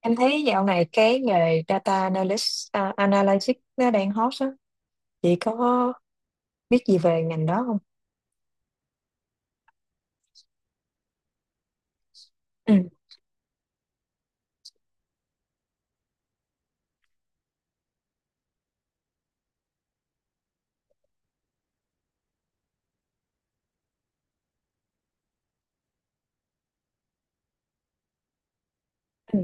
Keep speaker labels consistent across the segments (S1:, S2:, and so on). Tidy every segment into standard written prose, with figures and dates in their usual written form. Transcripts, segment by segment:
S1: Em thấy dạo này cái nghề data analyst, à, analytics nó đang hot á. Chị có biết gì về ngành đó không? Ừ. Ừ.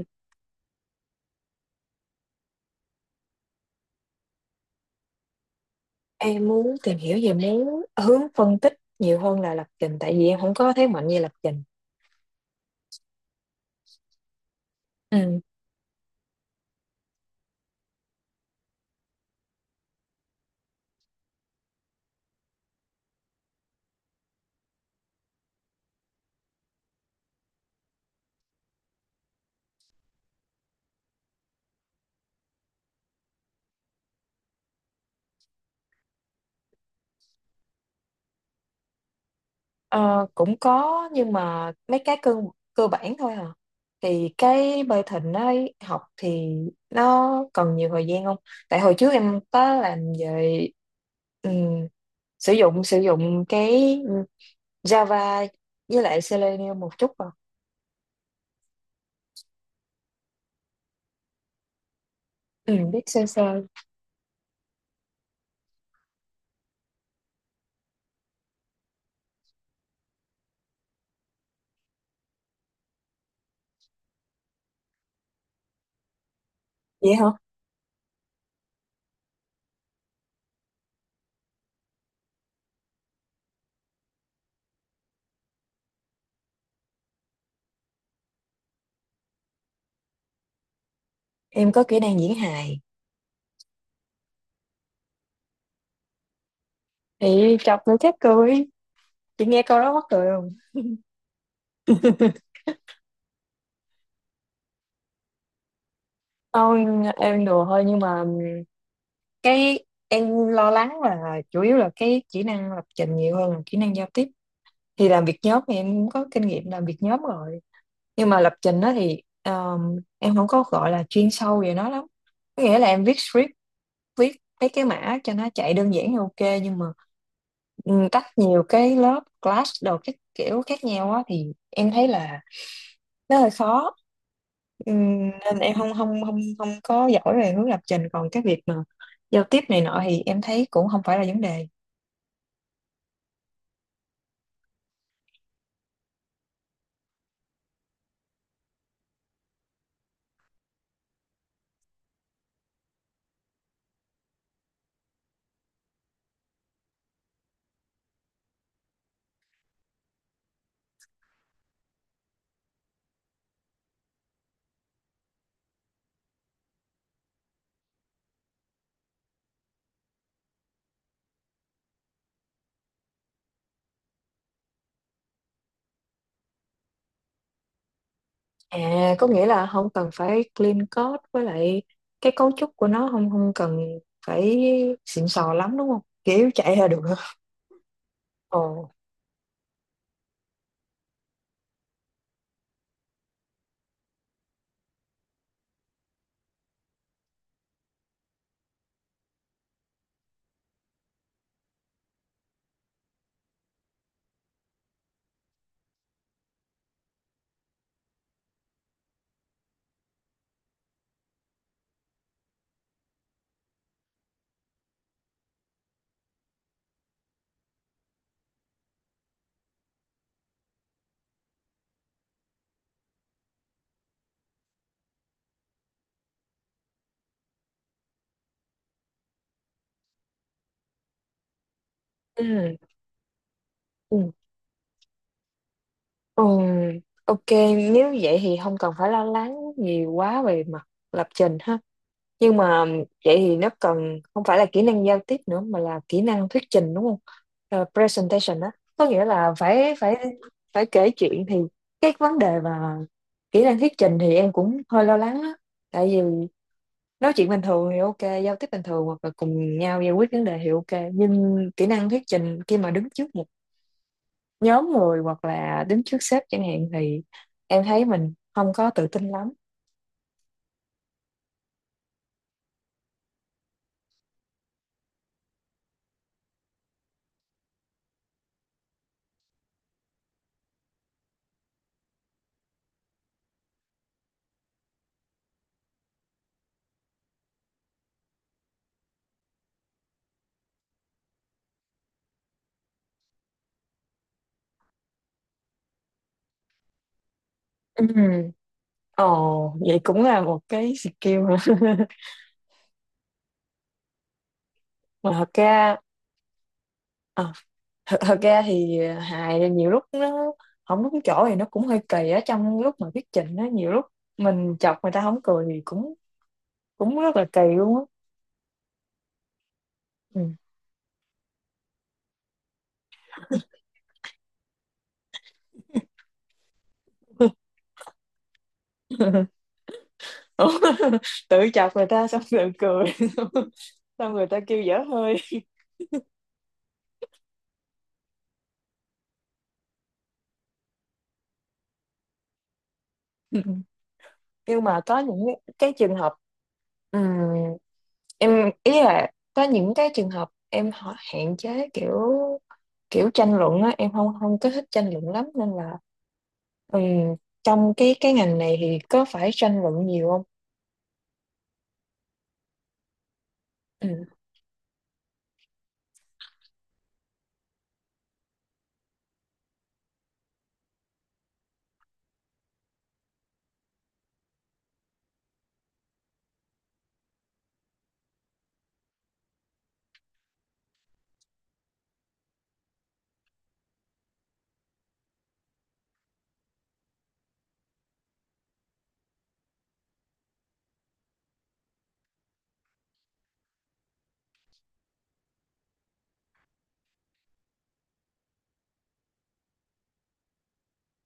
S1: Em muốn tìm hiểu về hướng phân tích nhiều hơn là lập trình tại vì em không có thế mạnh về lập trình. Ừ. Ờ, cũng có nhưng mà mấy cái cơ cơ bản thôi à. Thì cái bơi thịnh ấy học thì nó cần nhiều thời gian không? Tại hồi trước em có làm về ừ, sử dụng cái Java với lại Selenium một chút vào. Ừ, biết sơ sơ. Vậy hả? Em có kỹ năng diễn hài, thì chọc nữa chết cười, chị nghe câu đó mắc cười không? Thôi, em đùa thôi, nhưng mà cái em lo lắng là chủ yếu là cái kỹ năng lập trình nhiều hơn là kỹ năng giao tiếp. Thì làm việc nhóm thì em cũng có kinh nghiệm làm việc nhóm rồi, nhưng mà lập trình đó thì em không có gọi là chuyên sâu về nó lắm. Có nghĩa là em viết script, viết mấy cái mã cho nó chạy đơn giản thì ok, nhưng mà ừ, tách nhiều cái lớp class đồ các kiểu khác nhau á thì em thấy là nó hơi khó. Nên em không không không không có giỏi về hướng lập trình, còn cái việc mà giao tiếp này nọ thì em thấy cũng không phải là vấn đề. À, có nghĩa là không cần phải clean code, với lại cái cấu trúc của nó không không cần phải xịn sò lắm đúng không, kiểu chạy là được. Ồ. Ừ. Ừ. Ừ, ok, nếu vậy thì không cần phải lo lắng nhiều quá về mặt lập trình ha. Nhưng mà vậy thì nó cần không phải là kỹ năng giao tiếp nữa mà là kỹ năng thuyết trình đúng không? Ờ, presentation á, có nghĩa là phải phải phải kể chuyện. Thì cái vấn đề mà kỹ năng thuyết trình thì em cũng hơi lo lắng á. Tại vì nói chuyện bình thường thì ok, giao tiếp bình thường hoặc là cùng nhau giải quyết vấn đề thì ok, nhưng kỹ năng thuyết trình khi mà đứng trước một nhóm người hoặc là đứng trước sếp chẳng hạn thì em thấy mình không có tự tin lắm. Ừ. Ồ, vậy cũng là một cái skill hả? Mà thật ra ờ, thật, thật ra thì hài nhiều lúc nó không đúng chỗ thì nó cũng hơi kỳ á, trong lúc mà thuyết trình á nhiều lúc mình chọc người ta không cười thì cũng cũng rất là kỳ luôn á. Ừ. Ủa, tự chọc người ta xong tự cười xong người ta kêu dở hơi. Ừ. Nhưng mà có những cái trường hợp, Ừm, em ý là có những cái trường hợp em họ hạn chế kiểu, kiểu tranh luận á, em không không có thích tranh luận lắm, nên là ừm, trong cái ngành này thì có phải tranh luận nhiều không? Ừm,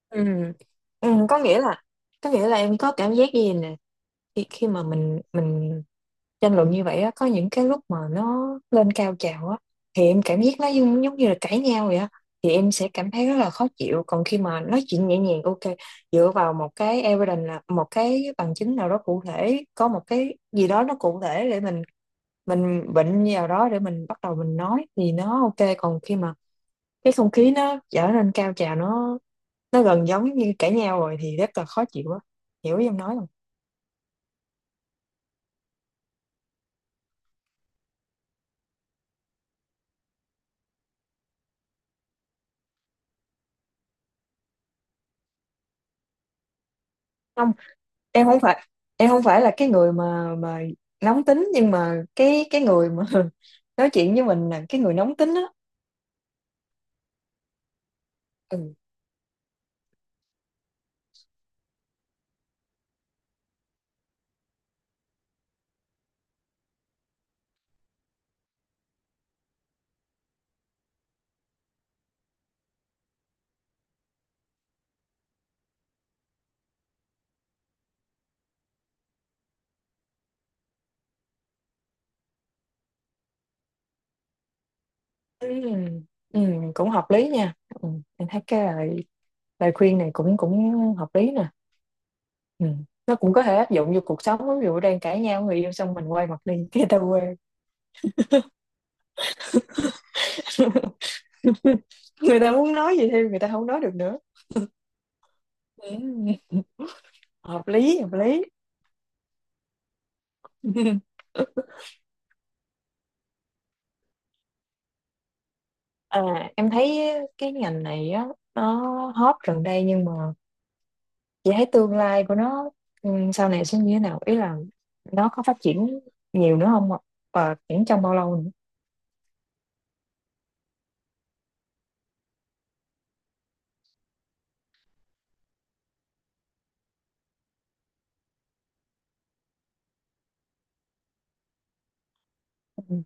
S1: ừm, có nghĩa là, có nghĩa là em có cảm giác gì nè, khi khi mà mình tranh luận như vậy á, có những cái lúc mà nó lên cao trào á, thì em cảm giác nó giống, giống như là cãi nhau vậy á, thì em sẽ cảm thấy rất là khó chịu. Còn khi mà nói chuyện nhẹ nhàng ok, dựa vào một cái evidence là một cái bằng chứng nào đó cụ thể, có một cái gì đó nó cụ thể để mình bệnh vào đó để mình bắt đầu mình nói thì nó ok. Còn khi mà cái không khí nó trở nên cao trào, nó gần giống như cãi nhau rồi thì rất là khó chịu á. Hiểu ý em nói không? Em không phải, em không phải là cái người mà nóng tính, nhưng mà cái người mà nói chuyện với mình là cái người nóng tính á. Ừ. Ừ. Ừ, cũng hợp lý nha. Ừ. Em thấy cái lời, lời khuyên này cũng cũng hợp lý nè. Ừ. Nó cũng có thể áp dụng vô cuộc sống, ví dụ đang cãi nhau với người yêu xong mình quay mặt đi cái người ta quê người ta muốn nói gì thêm người ta không nói được nữa. Ừ. Hợp lý, hợp lý. À, em thấy cái ngành này á nó hot gần đây, nhưng mà chị thấy tương lai của nó sau này sẽ như thế nào, ý là nó có phát triển nhiều nữa không ạ? Và triển trong bao lâu nữa? Ừ.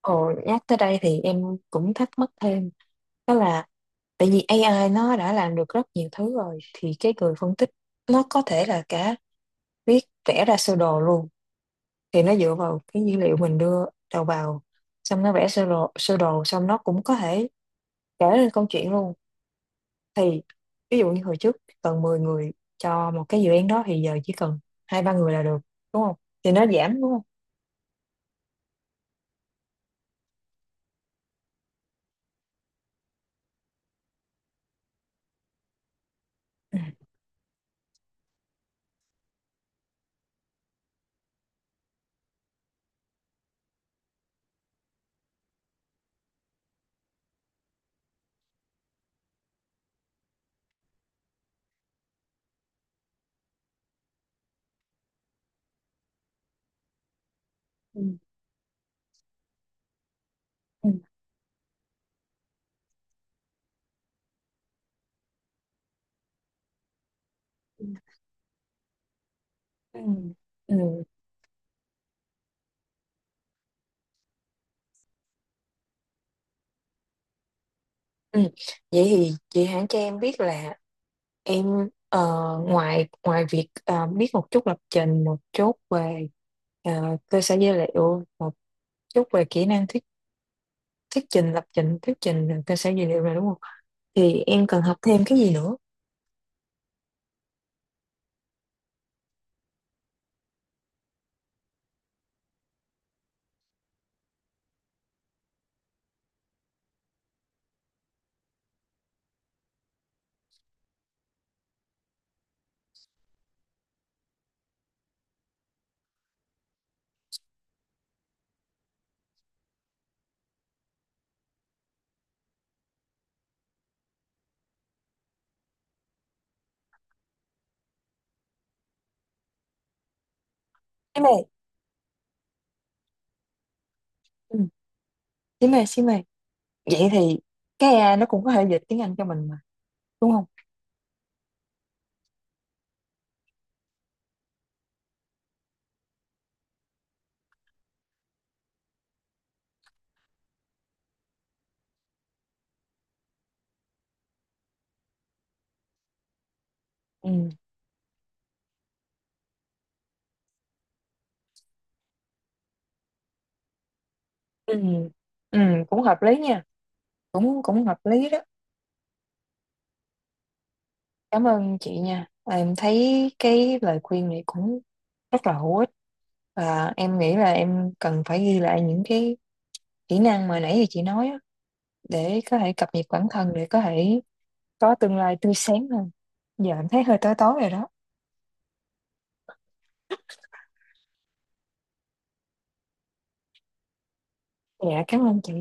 S1: Ồ, nhắc tới đây thì em cũng thắc mắc thêm, đó là tại vì AI nó đã làm được rất nhiều thứ rồi, thì cái người phân tích nó có thể là cả viết, vẽ ra sơ đồ luôn. Thì nó dựa vào cái dữ liệu mình đưa đầu vào, xong nó vẽ sơ đồ, sơ đồ xong nó cũng có thể kể lên câu chuyện luôn. Thì ví dụ như hồi trước cần 10 người cho một cái dự án đó, thì giờ chỉ cần hai ba người là được, đúng không? Thì nó giảm đúng không? Ừ. Ừ. Ừ. Ừ. Ừ. Ừ. Vậy thì chị hãng cho em biết là em ngoài ngoài việc biết một chút lập trình, một chút về cơ sở dữ liệu, một chút về kỹ năng thuyết thuyết trình, lập trình, thuyết trình, cơ sở dữ liệu rồi đúng không, thì em cần học thêm cái gì nữa? Xí mê. Ừ. Xí mê, xí mê, vậy thì cái AI nó cũng có thể dịch tiếng Anh cho mình mà đúng không? Ừ. Ừ. Ừ, cũng hợp lý nha. Cũng cũng hợp lý đó. Cảm ơn chị nha. Và em thấy cái lời khuyên này cũng rất là hữu ích, và em nghĩ là em cần phải ghi lại những cái kỹ năng mà nãy giờ chị nói á, để có thể cập nhật bản thân, để có thể có tương lai tươi sáng hơn. Giờ em thấy hơi tối tối rồi đó. Dạ cảm ơn chị.